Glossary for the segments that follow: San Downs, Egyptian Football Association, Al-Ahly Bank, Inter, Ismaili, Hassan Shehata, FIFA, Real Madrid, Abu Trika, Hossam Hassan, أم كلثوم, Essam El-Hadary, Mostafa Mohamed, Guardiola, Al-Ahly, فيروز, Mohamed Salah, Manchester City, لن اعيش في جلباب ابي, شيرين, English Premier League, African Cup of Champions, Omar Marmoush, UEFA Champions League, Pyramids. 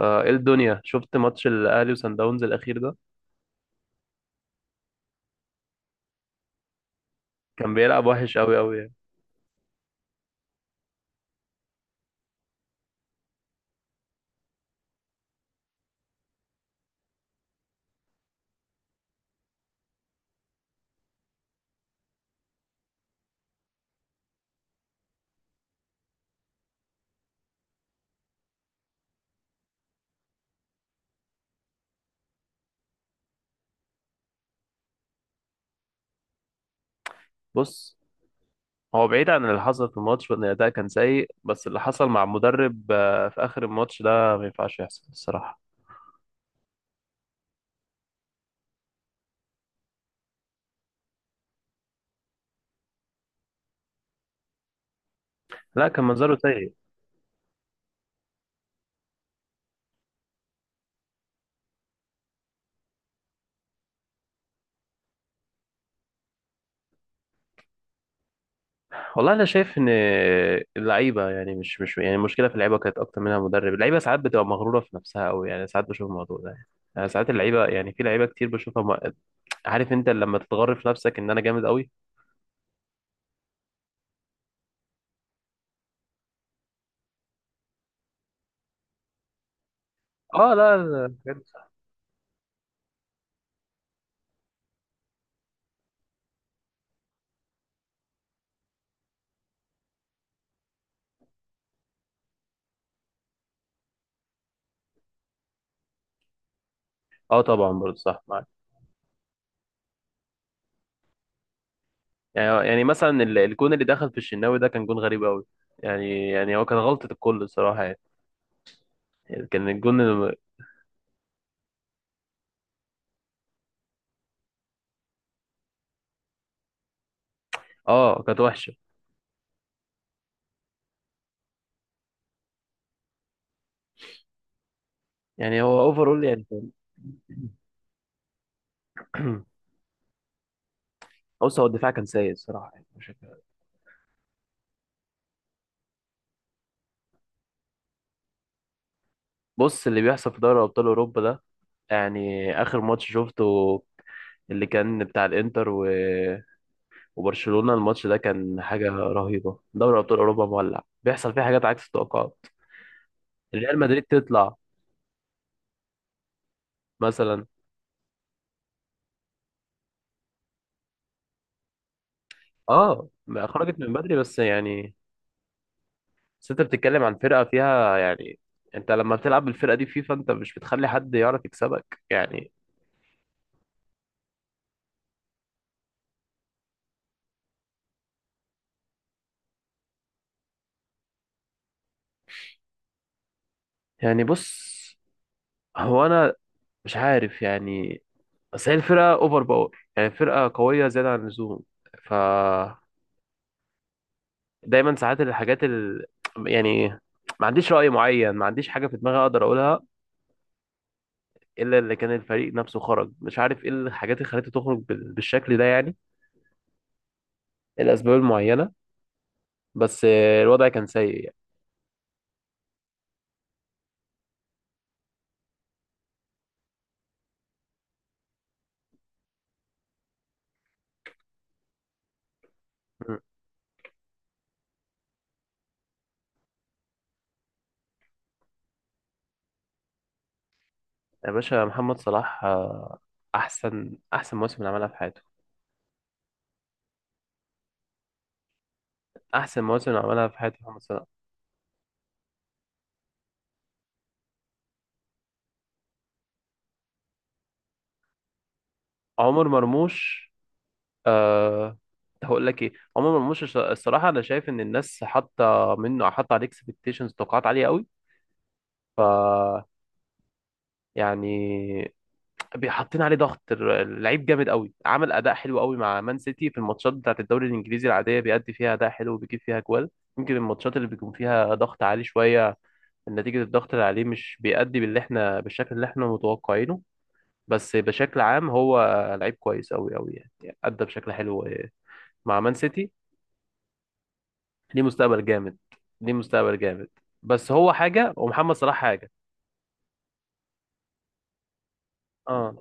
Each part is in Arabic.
ايه الدنيا، شفت ماتش الاهلي وسان داونز الاخير ده كان بيلعب وحش قوي قوي يعني. بص، هو بعيد عن اللي حصل في الماتش وان الاداء كان سيء، بس اللي حصل مع المدرب في اخر الماتش ده ما ينفعش يحصل الصراحه. لا، كان منظره سيء. والله انا شايف ان اللعيبه، يعني مش يعني المشكله في اللعيبه كانت اكتر منها المدرب. اللعيبه ساعات بتبقى مغروره في نفسها قوي، يعني ساعات بشوف الموضوع ده يعني ساعات اللعيبه، يعني في لعيبه كتير بشوفها عارف انت لما تتغر في نفسك ان انا جامد قوي. اه، لا لا، بجد. اه طبعا، برضه صح. يعني مثلا الجون اللي دخل في الشناوي ده كان جون غريب قوي. يعني هو كان غلطة الكل الصراحة يعني. يعني كان الجون اه كانت وحشة. يعني هو اوفرول يعني كان- بص، هو الدفاع كان سيء الصراحة، يعني مش هك- بص، اللي بيحصل في دوري أبطال أوروبا ده، يعني آخر ماتش شفته اللي كان بتاع الإنتر وبرشلونة، الماتش ده كان حاجة رهيبة. دوري أبطال أوروبا مولع، بيحصل فيه حاجات عكس التوقعات. ريال مدريد تطلع مثلا. اه، ما خرجت من بدري بس يعني. بس انت بتتكلم عن فرقة فيها، يعني انت لما بتلعب بالفرقة دي فيفا، انت مش بتخلي حد يعرف يكسبك يعني. يعني بص، هو انا مش عارف يعني، بس هي الفرقة اوفر باور، يعني فرقة قوية زيادة عن اللزوم. ف دايما ساعات الحاجات ال... يعني ما عنديش رأي معين، ما عنديش حاجة في دماغي اقدر اقولها الا اللي كان الفريق نفسه خرج، مش عارف ايه الحاجات اللي خلته تخرج بالشكل ده يعني. إيه الاسباب المعينة؟ بس الوضع كان سيء يعني. يا باشا، محمد صلاح احسن موسم عملها في حياته. احسن موسم عملها في حياته محمد صلاح. عمر مرموش، أه. هقول لك ايه، عمر مرموش الصراحه انا شايف ان الناس حاطه عليه اكسبكتيشنز، توقعات عاليه قوي. ف يعني، حاطين عليه ضغط اللعيب جامد قوي، عمل اداء حلو قوي مع مان سيتي. في الماتشات بتاعت الدوري الانجليزي العاديه بيأدي فيها اداء حلو وبيجيب فيها جوال. يمكن الماتشات اللي بيكون فيها ضغط عالي شويه، نتيجه الضغط اللي عليه، مش بيأدي باللي احنا بالشكل اللي احنا متوقعينه. بس بشكل عام، هو لعيب كويس أوي أوي، يعني أدى بشكل حلو مع مان سيتي. ليه مستقبل جامد، ليه مستقبل جامد. بس هو حاجة ومحمد صلاح حاجة. اه،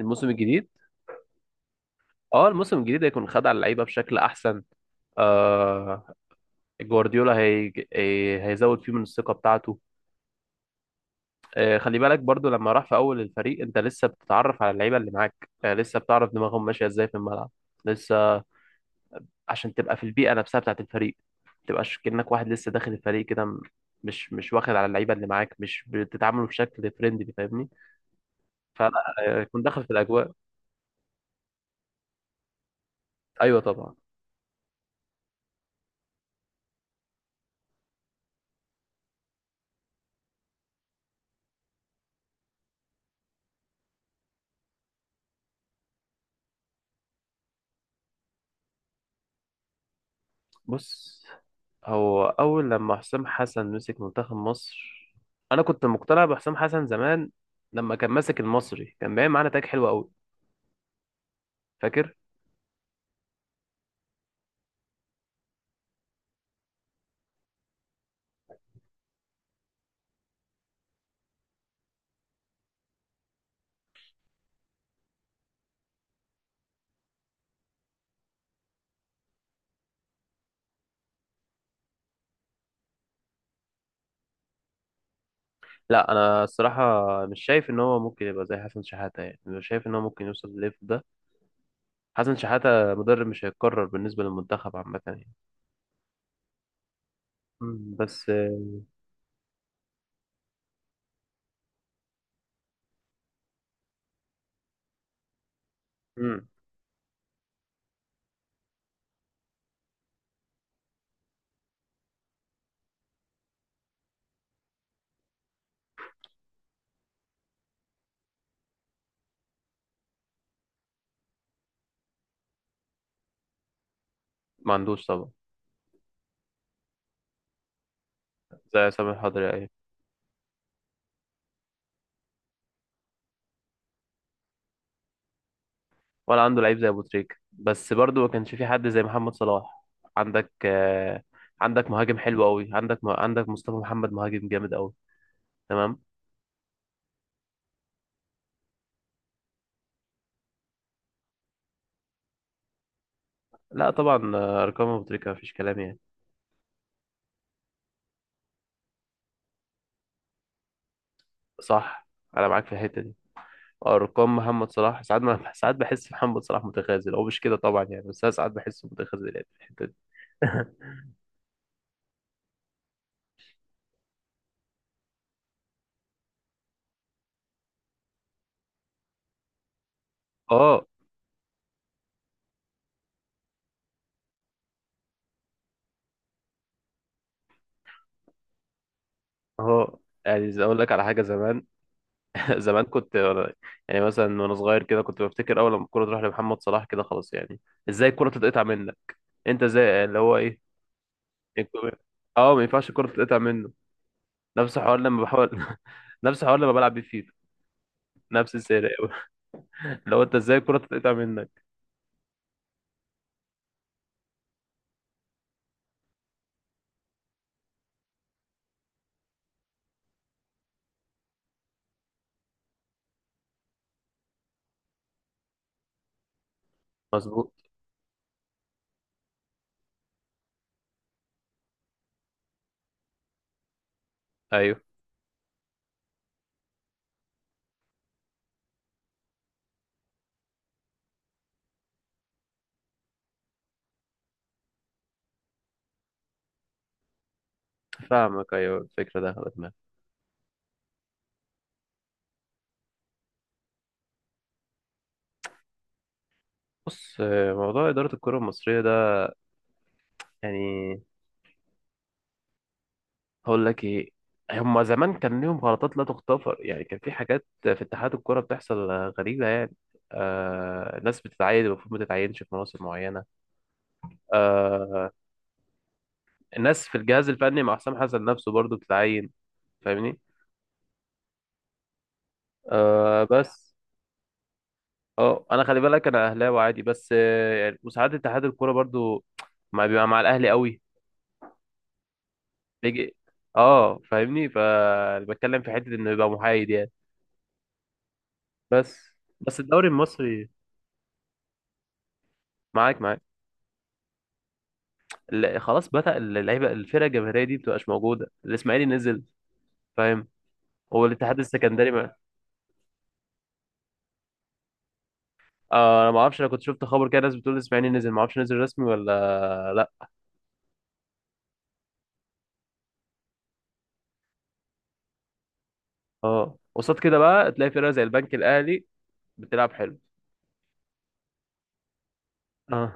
الموسم الجديد. اه، الموسم الجديد هيكون خد على اللعيبة بشكل أحسن. آه جوارديولا هيزود فيه من الثقة بتاعته. خلي بالك برضو، لما راح في أول الفريق أنت لسه بتتعرف على اللعيبة اللي معاك، لسه بتعرف دماغهم ماشية إزاي في الملعب، لسه عشان تبقى في البيئه نفسها بتاعت الفريق. ما تبقاش كأنك واحد لسه داخل الفريق كده مش واخد على اللعيبه اللي معاك، مش بتتعاملوا بشكل فريندلي فاهمني. فلا، يكون داخل في الاجواء. ايوه طبعا. بص، هو اول لما حسام حسن مسك منتخب مصر انا كنت مقتنع بحسام حسن زمان. لما كان ماسك المصري كان باين معانا تاج حلو قوي، فاكر. لا، انا الصراحه مش شايف ان هو ممكن يبقى زي حسن شحاته، يعني مش شايف ان هو ممكن يوصل للليفل ده. حسن شحاته مدرب مش هيتكرر بالنسبه للمنتخب عامه يعني. مم. بس مم. ما عندوش طبعا. زي عصام الحضري، ايوه. ولا عنده لعيب زي ابو تريكة، بس برضو ما كانش في حد زي محمد صلاح. عندك آه، عندك مهاجم حلو قوي. عندك مصطفى محمد، مهاجم جامد قوي. تمام. لا طبعا، ارقام ابو تريكة ما فيش كلام يعني. صح. انا معاك في الحته دي. ارقام محمد صلاح ساعات ما ساعات بحس محمد صلاح متخاذل، هو مش كده طبعا يعني، بس انا ساعات بحسه متخاذل يعني في الحته دي. اه اه يعني اقول لك على حاجه زمان. زمان كنت يعني مثلا وانا صغير كده، كنت بفتكر اول لما الكوره تروح لمحمد صلاح كده خلاص يعني. ازاي الكوره تتقطع منك؟ انت ازاي اللي هو ايه الكورة- اه، ما ينفعش الكوره تتقطع منه. نفس الحوار لما بحاول نفس الحوار لما بلعب بيه فيفا. نفس السيرة. لو انت، ازاي الكوره تتقطع منك؟ مظبوط. ايوه فاهمك، ايوه الفكره ده خدت بالي. بص، موضوع اداره الكره المصريه ده، يعني هقول لك ايه، هما زمان كان ليهم غلطات لا تغتفر، يعني كان في حاجات في اتحاد الكرة بتحصل غريبة يعني. ناس بتتعين المفروض ما تتعينش في مناصب معينة. آه الناس في الجهاز الفني مع حسام حسن نفسه برضو بتتعين. فاهمني. بس اه، انا خلي بالك انا اهلاوي عادي، بس يعني وساعات اتحاد الكرة برضو ما بيبقى مع الاهلي قوي. بيجي اه فاهمني، فبتكلم في حتة انه يبقى محايد يعني. بس بس الدوري المصري معاك معاك. خلاص بدأ اللعيبه الفرقه الجماهيريه دي بتبقاش موجوده، الاسماعيلي نزل فاهم. هو الاتحاد السكندري ما. انا ما اعرفش، انا كنت شفت خبر كده، ناس بتقول الاسماعيلي نزل، ما اعرفش نزل رسمي ولا لا. اه، قصاد كده بقى تلاقي فرقه زي البنك الاهلي بتلعب حلو، اه.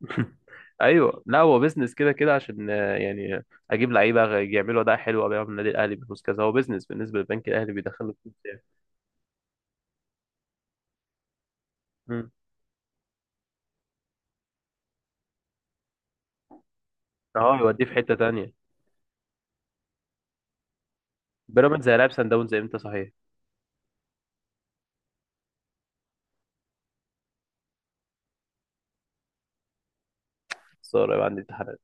ايوه، لا هو بيزنس كده كده عشان يعني اجيب لعيبه يعملوا اداء حلو ابيعهم النادي الاهلي بفلوس كذا، هو بيزنس بالنسبه للبنك الاهلي بيدخل له فلوس يعني. مم. اه، يوديه في حته تانيه. بيراميدز هيلاعب سان داونز امتى صحيح؟ خساره يبقى عندي امتحانات.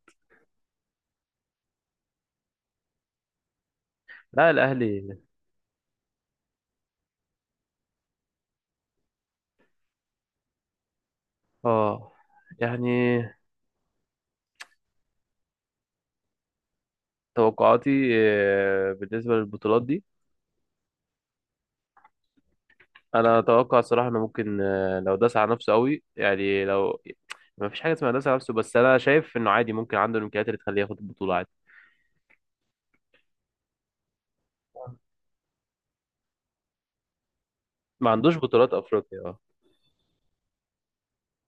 لا الاهلي. اه يعني، توقعاتي بالنسبة للبطولات دي، انا اتوقع الصراحة انه ممكن لو داس على نفسه قوي، يعني لو ما فيش حاجة اسمها داس على نفسه، بس انا شايف انه عادي ممكن عنده الامكانيات اللي تخليه ياخد البطولة عادي. ما عندوش بطولات افريقيا، اه.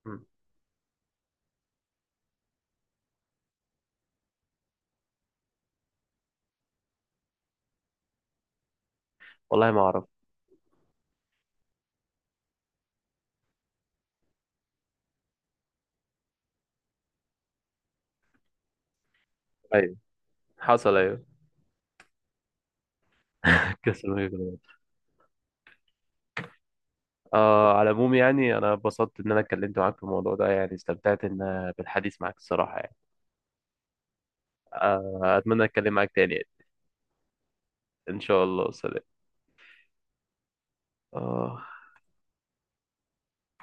مم. والله ما اعرف. ايوه حصل، ايوه. كاس الملك للأبطال. على العموم يعني، انا اتبسطت ان انا اتكلمت معاك في الموضوع ده، يعني استمتعت ان بالحديث معاك الصراحة يعني. اتمنى اتكلم معاك تاني يعني. ان شاء الله، سلام. آه